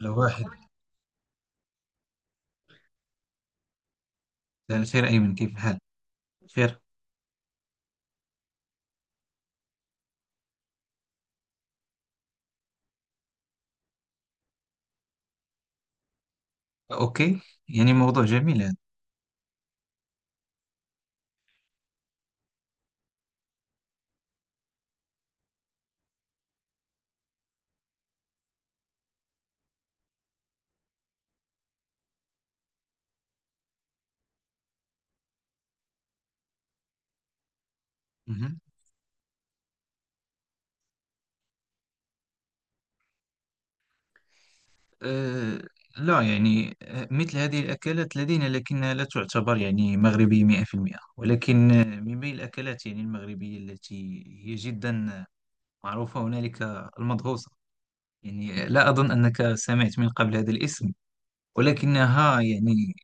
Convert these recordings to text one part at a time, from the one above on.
لو واحد. خير أيمن، كيف الحال؟ بخير. أوكي. يعني موضوع جميل هذا. مهم. أه. لا، يعني مثل هذه الأكلات لدينا، لكنها لا تعتبر يعني مغربية 100% ولكن من بين الأكلات يعني المغربية التي هي جدا معروفة هنالك المدغوسة. يعني لا أظن أنك سمعت من قبل هذا الاسم، ولكنها يعني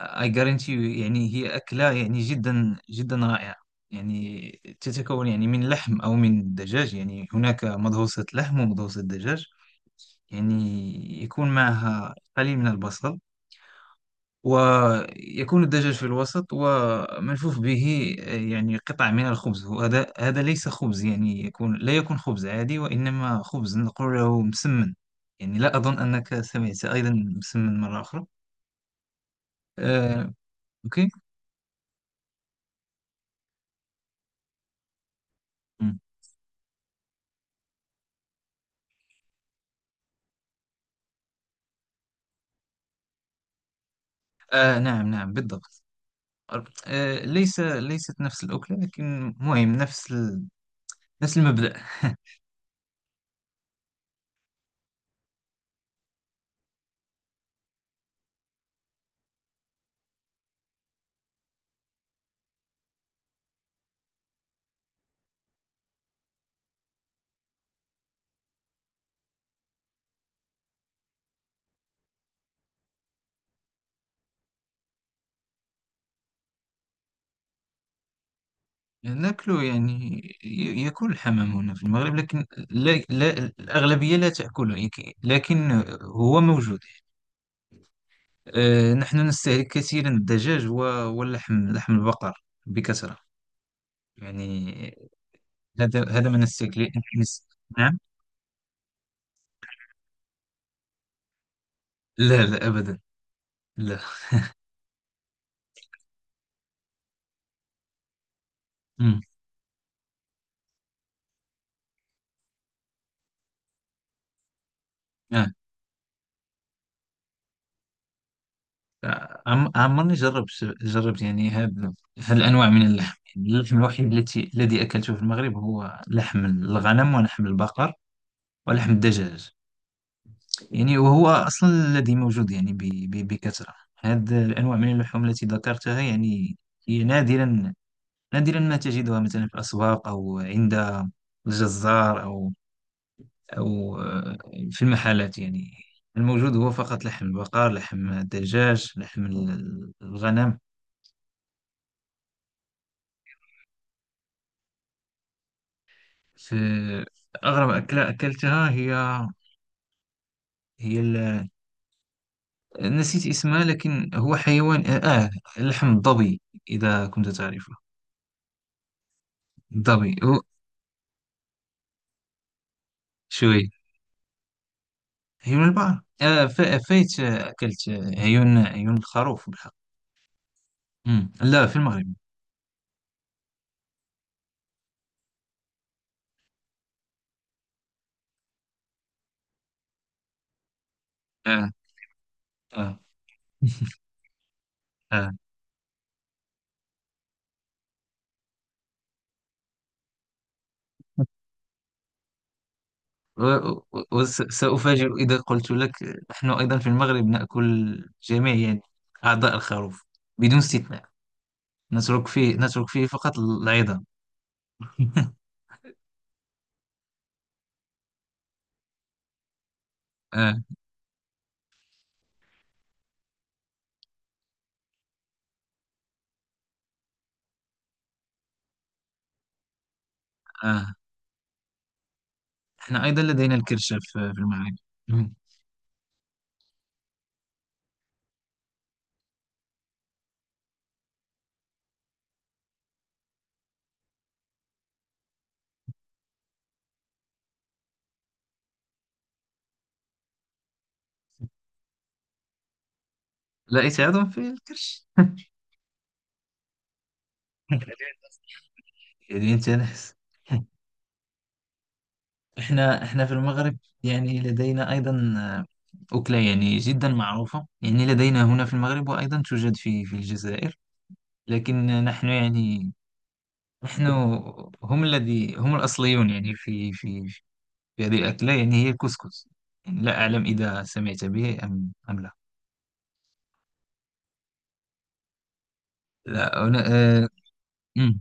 I guarantee you، يعني هي أكلة يعني جدا جدا رائعة. يعني تتكون يعني من لحم أو من دجاج. يعني هناك مضروسة لحم ومضروسة دجاج. يعني يكون معها قليل من البصل، ويكون الدجاج في الوسط وملفوف به يعني قطع من الخبز. وهذا ليس خبز، يعني لا يكون خبز عادي، وإنما خبز نقول له مسمن. يعني لا أظن أنك سمعت أيضا مسمن مرة أخرى. آه، أوكي. مم. نعم، نعم، بالضبط. ليس ليست نفس الأكلة، لكن مهم نفس نفس المبدأ. ناكله يعني. يأكل الحمام هنا في المغرب، لكن لا، لا، الأغلبية لا تأكله. لكن هو موجود. نحن نستهلك كثيرا الدجاج واللحم، لحم البقر بكثرة. يعني هذا ما نستهلك. نعم. لا، لا، أبدا. لا. مم. آه. عمرني جربت يعني هالأنواع من اللحم. يعني اللحم الوحيد الذي أكلته في المغرب هو لحم الغنم، ولحم البقر، ولحم الدجاج. يعني وهو أصلا الذي موجود يعني بكثرة. هذه الأنواع من اللحوم التي ذكرتها يعني هي نادرا، نادرا ما تجدها مثلا في الأسواق، أو عند الجزار، أو في المحلات. يعني الموجود هو فقط لحم البقر، لحم الدجاج، لحم الغنم في. أغرب أكلة أكلتها هي نسيت اسمها، لكن هو حيوان، لحم الظبي، إذا كنت تعرفه. الظبي هو شوي. عيون البحر. فايت، أكلت عيون الخروف بالحق. مم. لا، في المغرب. آه. آه. آه. وسأفاجئ إذا قلت لك، نحن أيضا في المغرب نأكل جميع يعني أعضاء الخروف بدون استثناء، نترك فيه فقط العظام. آه. إحنا أيضا لدينا الكرش في المعركة. ليس عضوا في الكرش. يدين جنس. إحنا في المغرب يعني لدينا أيضا أكلة يعني جدا معروفة، يعني لدينا هنا في المغرب، وأيضا توجد في الجزائر. لكن نحن هم الأصليون، يعني في هذه الأكلة. يعني هي الكسكس. يعني لا أعلم إذا سمعت به أم لا. لا أنا مم.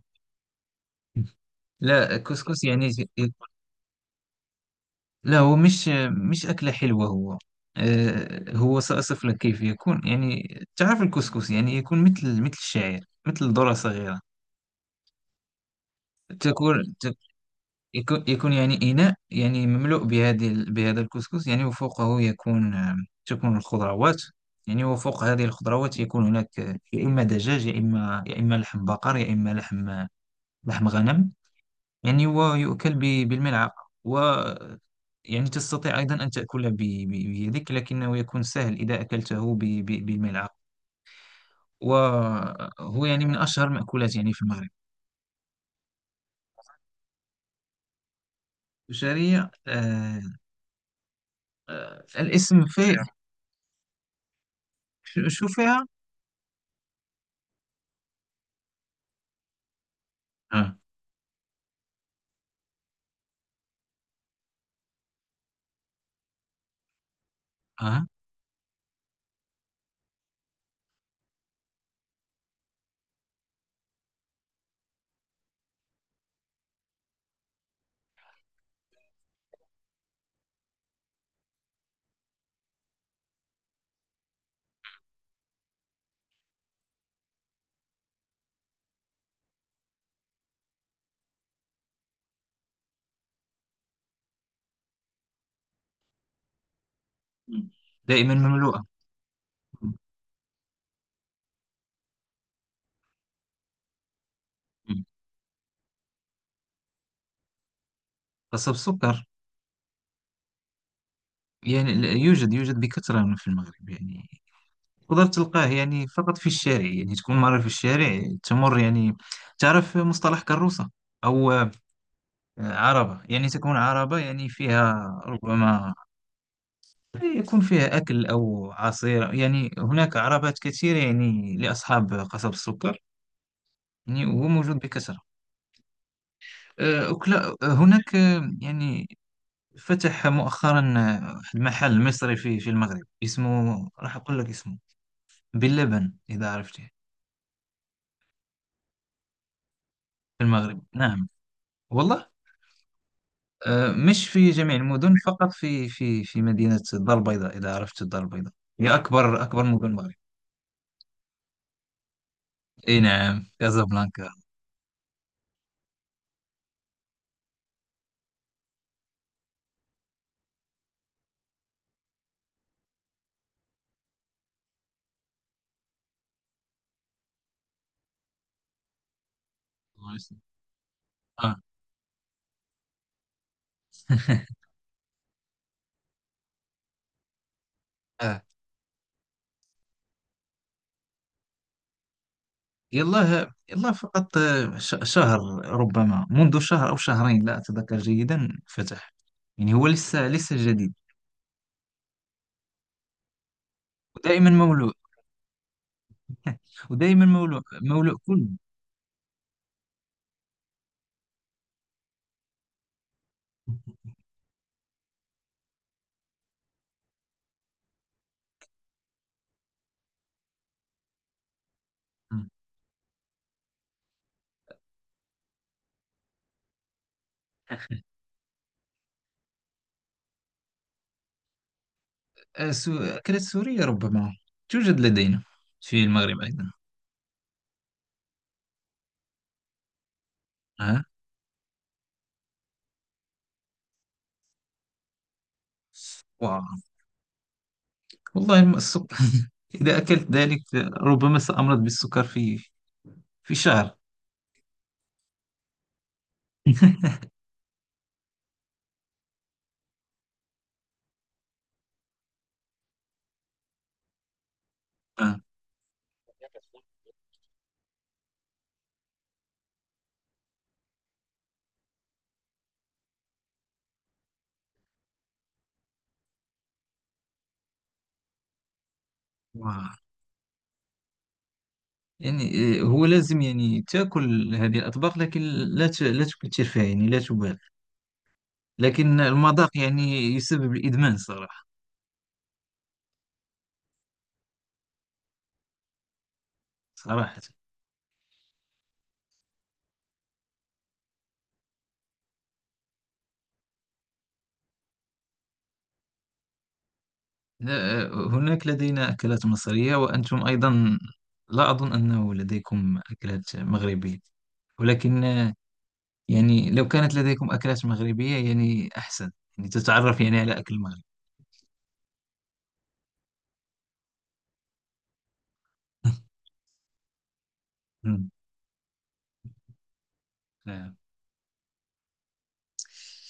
لا كسكس يعني. لا، هو مش أكلة حلوة. هو سأصف لك كيف يكون. يعني تعرف الكسكس، يعني يكون مثل الشعير، مثل ذرة صغيرة. تكون تك- يكون يكون يعني إناء يعني مملوء بهذا الكسكس. يعني وفوقه يكون تكون الخضروات. يعني وفوق هذه الخضروات يكون هناك يا إما دجاج، يا إما لحم بقر، يا إما لحم غنم. يعني هو يؤكل بالملعقة، و يعني تستطيع أيضا أن تأكله بيدك، لكنه يكون سهل إذا أكلته بالملعقة. وهو يعني من أشهر المأكولات يعني في المغرب. الشعرية. الاسم في. شو فيها. آه. آه. دائما مملوءة. مم. قصب سكر. يعني يوجد بكثرة في المغرب. يعني تقدر تلقاه يعني فقط في الشارع، يعني تكون مرة في الشارع تمر يعني. تعرف مصطلح كروسة؟ أو عربة، يعني تكون عربة يعني فيها ربما يكون فيها أكل أو عصير. يعني هناك عربات كثيرة يعني لأصحاب قصب السكر، يعني وهو موجود بكثرة. أكلا هناك يعني فتح مؤخرا واحد محل مصري في المغرب، اسمه راح أقول لك اسمه، باللبن، إذا عرفته. في المغرب، نعم. والله. مش في جميع المدن، فقط في مدينة الدار البيضاء، إذا عرفت الدار البيضاء، هي أكبر مدن المغرب. إي نعم، كازابلانكا. الله يسلمك. آه. آه. يلا يلا، فقط شهر. ربما منذ شهر أو شهرين لا أتذكر جيدا، فتح. يعني هو لسه لسه جديد. ودائما مولوع. ودائما مولوع مولوع كله. مم. أكلة سورية ربما توجد لدينا في المغرب أيضا. آه. والله السكر إذا أكلت ذلك ربما سأمرض بالسكر في شهر. آه. واو. يعني هو لازم يعني تأكل هذه الأطباق، لكن لا تكثر فيها، يعني لا تبالغ. لكن المذاق يعني يسبب الإدمان صراحة. صراحة لا، هناك لدينا أكلات مصرية، وأنتم أيضا لا أظن أنه لديكم أكلات مغربية، ولكن يعني لو كانت لديكم أكلات مغربية يعني أحسن، يعني تتعرف يعني على أكل المغرب. نعم.